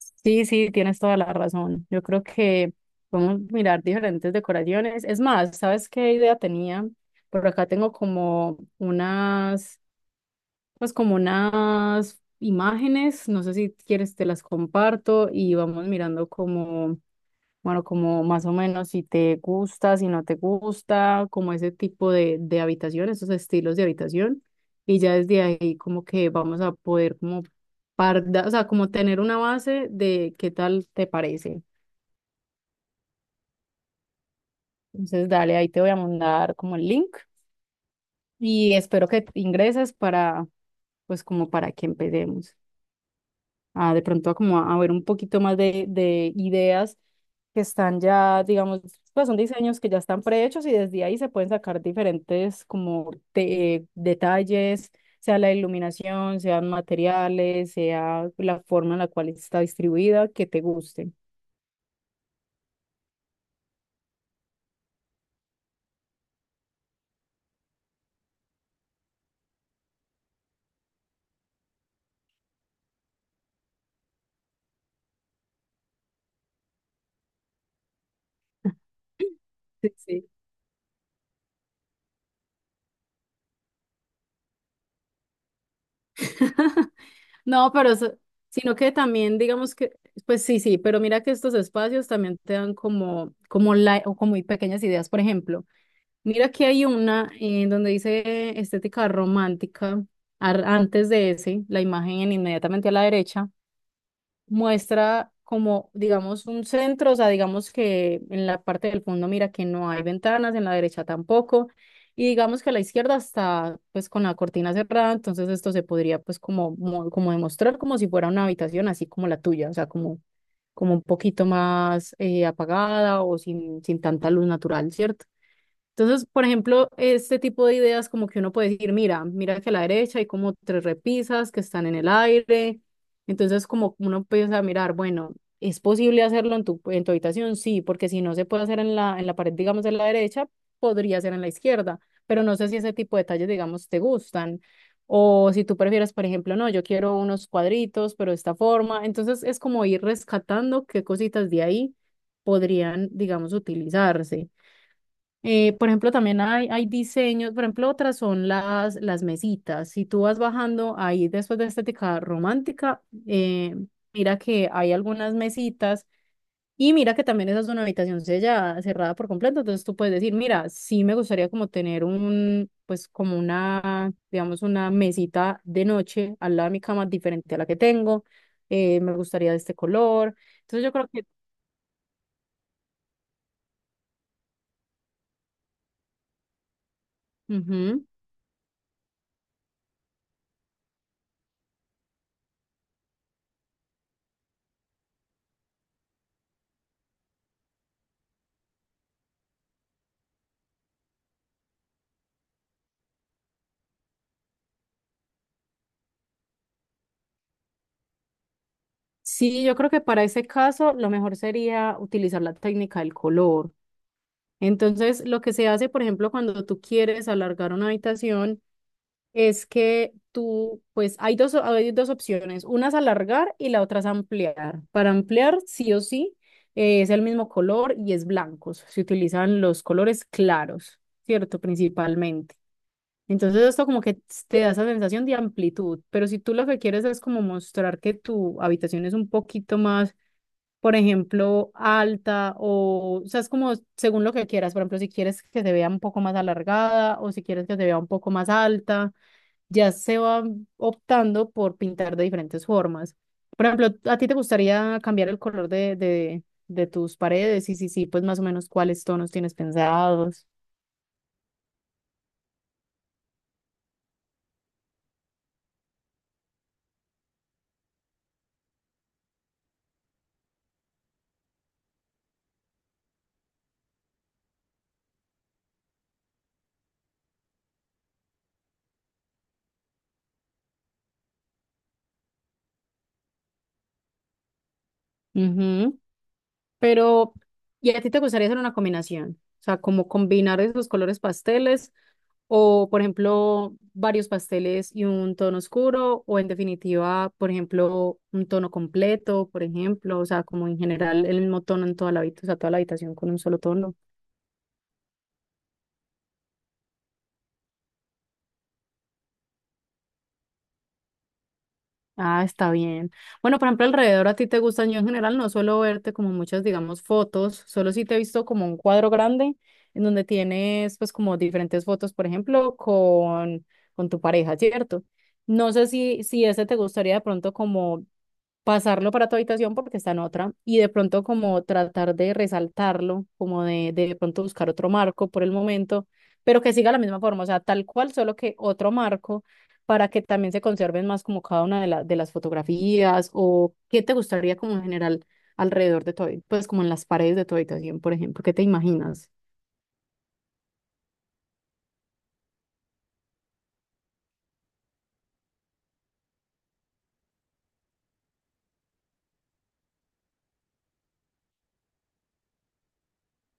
Sí, sí, tienes toda la razón. Yo creo que podemos mirar diferentes decoraciones. Es más, ¿sabes qué idea tenía? Por acá tengo como unas, pues como unas imágenes, no sé si quieres te las comparto y vamos mirando como bueno, como más o menos si te gusta, si no te gusta, como ese tipo de habitación, esos estilos de habitación. Y ya desde ahí como que vamos a poder como parda, o sea, como tener una base de qué tal te parece. Entonces, dale, ahí te voy a mandar como el link y espero que ingreses para, pues como para que empecemos. A de pronto a como a ver un poquito más de ideas que están ya, digamos, pues son diseños que ya están prehechos y desde ahí se pueden sacar diferentes como detalles, sea la iluminación, sean materiales, sea la forma en la cual está distribuida, que te guste. Sí, sí. No, pero sino que también digamos que, pues sí, sí, pero mira que estos espacios también te dan como, como la, o como muy pequeñas ideas, por ejemplo. Mira que hay una donde dice estética romántica, antes de ese, la imagen inmediatamente a la derecha, muestra como, digamos, un centro, o sea, digamos que en la parte del fondo mira que no hay ventanas, en la derecha tampoco, y digamos que a la izquierda está pues con la cortina cerrada, entonces esto se podría pues como, como demostrar como si fuera una habitación así como la tuya, o sea, como, como un poquito más apagada o sin tanta luz natural, ¿cierto? Entonces, por ejemplo, este tipo de ideas como que uno puede decir, mira, mira que a la derecha hay como tres repisas que están en el aire. Entonces, como uno empieza a mirar, bueno, ¿es posible hacerlo en tu habitación? Sí, porque si no se puede hacer en la pared, digamos, de la derecha, podría ser en la izquierda. Pero no sé si ese tipo de detalles, digamos, te gustan. O si tú prefieres, por ejemplo, no, yo quiero unos cuadritos, pero de esta forma. Entonces, es como ir rescatando qué cositas de ahí podrían, digamos, utilizarse. Por ejemplo, también hay diseños, por ejemplo, otras son las mesitas. Si tú vas bajando ahí después de estética romántica, mira que hay algunas mesitas y mira que también esa es una habitación sellada, cerrada por completo. Entonces tú puedes decir, mira, sí me gustaría como tener un, pues como una, digamos, una mesita de noche al lado de mi cama diferente a la que tengo. Me gustaría de este color. Entonces yo creo que... Ujú. Sí, yo creo que para ese caso lo mejor sería utilizar la técnica del color. Entonces, lo que se hace, por ejemplo, cuando tú quieres alargar una habitación, es que tú, pues hay dos opciones. Una es alargar y la otra es ampliar. Para ampliar, sí o sí, es el mismo color y es blancos. Se utilizan los colores claros, ¿cierto? Principalmente. Entonces, esto como que te da esa sensación de amplitud, pero si tú lo que quieres es como mostrar que tu habitación es un poquito más por ejemplo, alta o sea, es como según lo que quieras. Por ejemplo, si quieres que se vea un poco más alargada o si quieres que se vea un poco más alta, ya se va optando por pintar de diferentes formas. Por ejemplo, ¿a ti te gustaría cambiar el color de tus paredes? Y si sí, pues más o menos cuáles tonos tienes pensados. Ujú. Pero, ¿y a ti te gustaría hacer una combinación? O sea, como combinar esos colores pasteles o, por ejemplo, varios pasteles y un tono oscuro, o en definitiva, por ejemplo, un tono completo, por ejemplo, o sea, como en general el mismo tono en toda la habitación, o sea, toda la habitación con un solo tono. Ah, está bien. Bueno, por ejemplo, alrededor a ti te gustan, yo en general no suelo verte como muchas, digamos, fotos, solo sí te he visto como un cuadro grande en donde tienes pues como diferentes fotos, por ejemplo, con tu pareja, ¿cierto? No sé si, si ese te gustaría de pronto como pasarlo para tu habitación porque está en otra y de pronto como tratar de resaltarlo, como de pronto buscar otro marco por el momento, pero que siga la misma forma, o sea, tal cual, solo que otro marco para que también se conserven más como cada una de, de las fotografías o qué te gustaría como en general alrededor de tu, pues como en las paredes de tu habitación, por ejemplo, ¿qué te imaginas?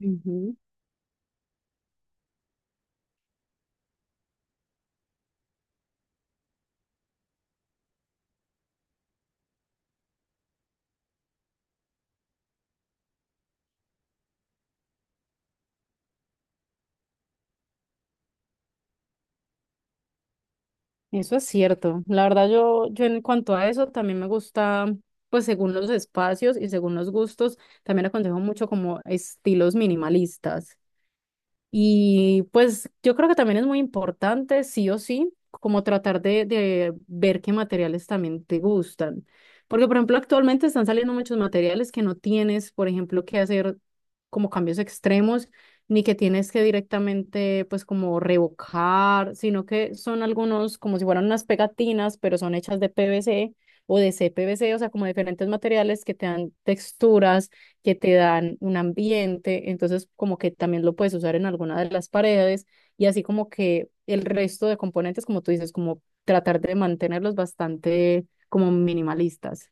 Ujú. Eso es cierto. La verdad, yo en cuanto a eso también me gusta, pues según los espacios y según los gustos, también aconsejo mucho como estilos minimalistas. Y pues yo creo que también es muy importante, sí o sí, como tratar de ver qué materiales también te gustan. Porque, por ejemplo, actualmente están saliendo muchos materiales que no tienes, por ejemplo, que hacer como cambios extremos, ni que tienes que directamente, pues, como revocar, sino que son algunos como si fueran unas pegatinas, pero son hechas de PVC o de CPVC, o sea, como diferentes materiales que te dan texturas que te dan un ambiente, entonces como que también lo puedes usar en alguna de las paredes y así como que el resto de componentes, como tú dices, como tratar de mantenerlos bastante como minimalistas.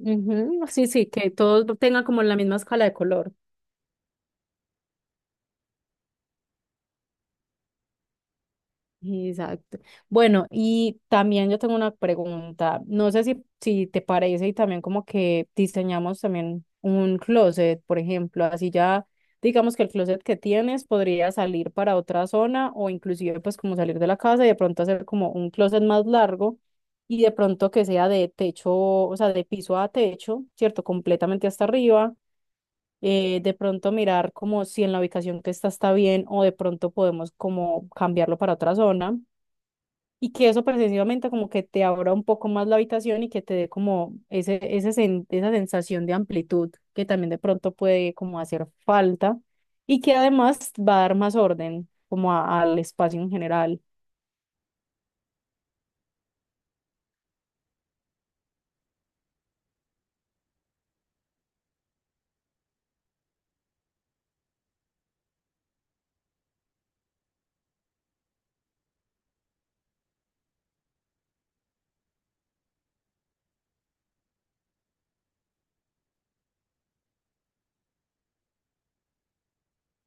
Ujú, sí, sí, que todos tengan como la misma escala de color. Exacto. Bueno, y también yo tengo una pregunta. No sé si, si te parece y también como que diseñamos también un closet, por ejemplo, así ya digamos que el closet que tienes podría salir para otra zona o inclusive pues como salir de la casa y de pronto hacer como un closet más largo y de pronto que sea de techo, o sea, de piso a techo, ¿cierto? Completamente hasta arriba de pronto mirar como si en la ubicación que está bien o de pronto podemos como cambiarlo para otra zona y que eso precisamente como que te abra un poco más la habitación y que te dé como ese, esa sensación de amplitud que también de pronto puede como hacer falta y que además va a dar más orden como al espacio en general.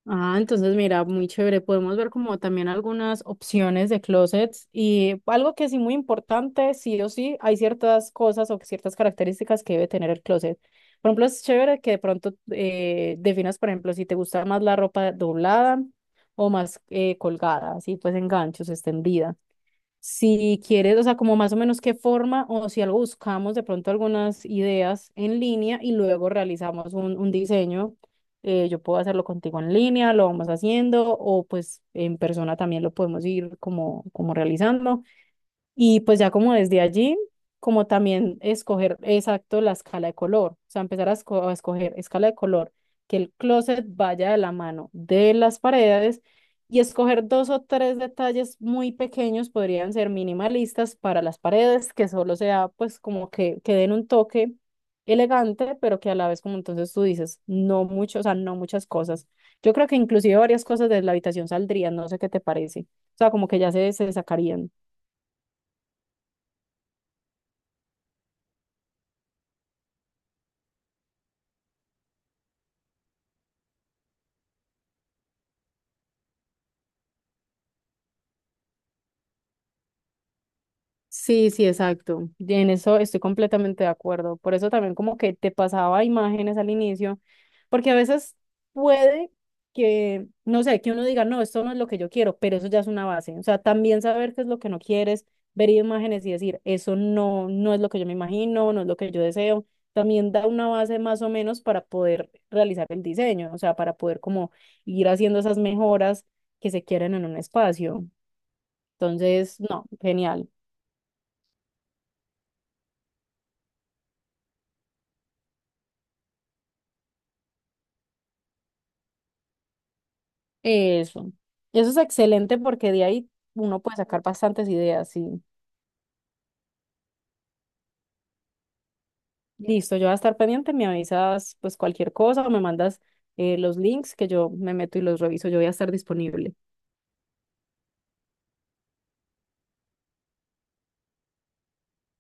Ah, entonces mira, muy chévere. Podemos ver como también algunas opciones de closets y algo que sí muy importante, sí o sí, hay ciertas cosas o ciertas características que debe tener el closet. Por ejemplo, es chévere que de pronto definas, por ejemplo, si te gusta más la ropa doblada o más colgada, así pues en ganchos, extendida. Si quieres, o sea, como más o menos qué forma o si algo buscamos de pronto algunas ideas en línea y luego realizamos un diseño, yo puedo hacerlo contigo en línea, lo vamos haciendo o pues en persona también lo podemos ir como, como realizando. Y pues ya como desde allí, como también escoger exacto la escala de color, o sea, empezar a, a escoger escala de color, que el closet vaya de la mano de las paredes y escoger dos o tres detalles muy pequeños, podrían ser minimalistas para las paredes, que solo sea pues como que den un toque elegante, pero que a la vez como entonces tú dices, no mucho, o sea, no muchas cosas. Yo creo que inclusive varias cosas de la habitación saldrían, no sé qué te parece, o sea, como que ya se sacarían. Sí, sí, exacto. Y en eso estoy completamente de acuerdo. Por eso también como que te pasaba imágenes al inicio, porque a veces puede que, no sé, que uno diga, no, esto no es lo que yo quiero, pero eso ya es una base. O sea, también saber qué es lo que no quieres, ver imágenes y decir, eso no, no es lo que yo me imagino, no es lo que yo deseo, también da una base más o menos para poder realizar el diseño, o sea, para poder como ir haciendo esas mejoras que se quieren en un espacio. Entonces, no, genial. Eso. Eso es excelente porque de ahí uno puede sacar bastantes ideas. Y listo, yo voy a estar pendiente, me avisas pues cualquier cosa o me mandas los links que yo me meto y los reviso. Yo voy a estar disponible.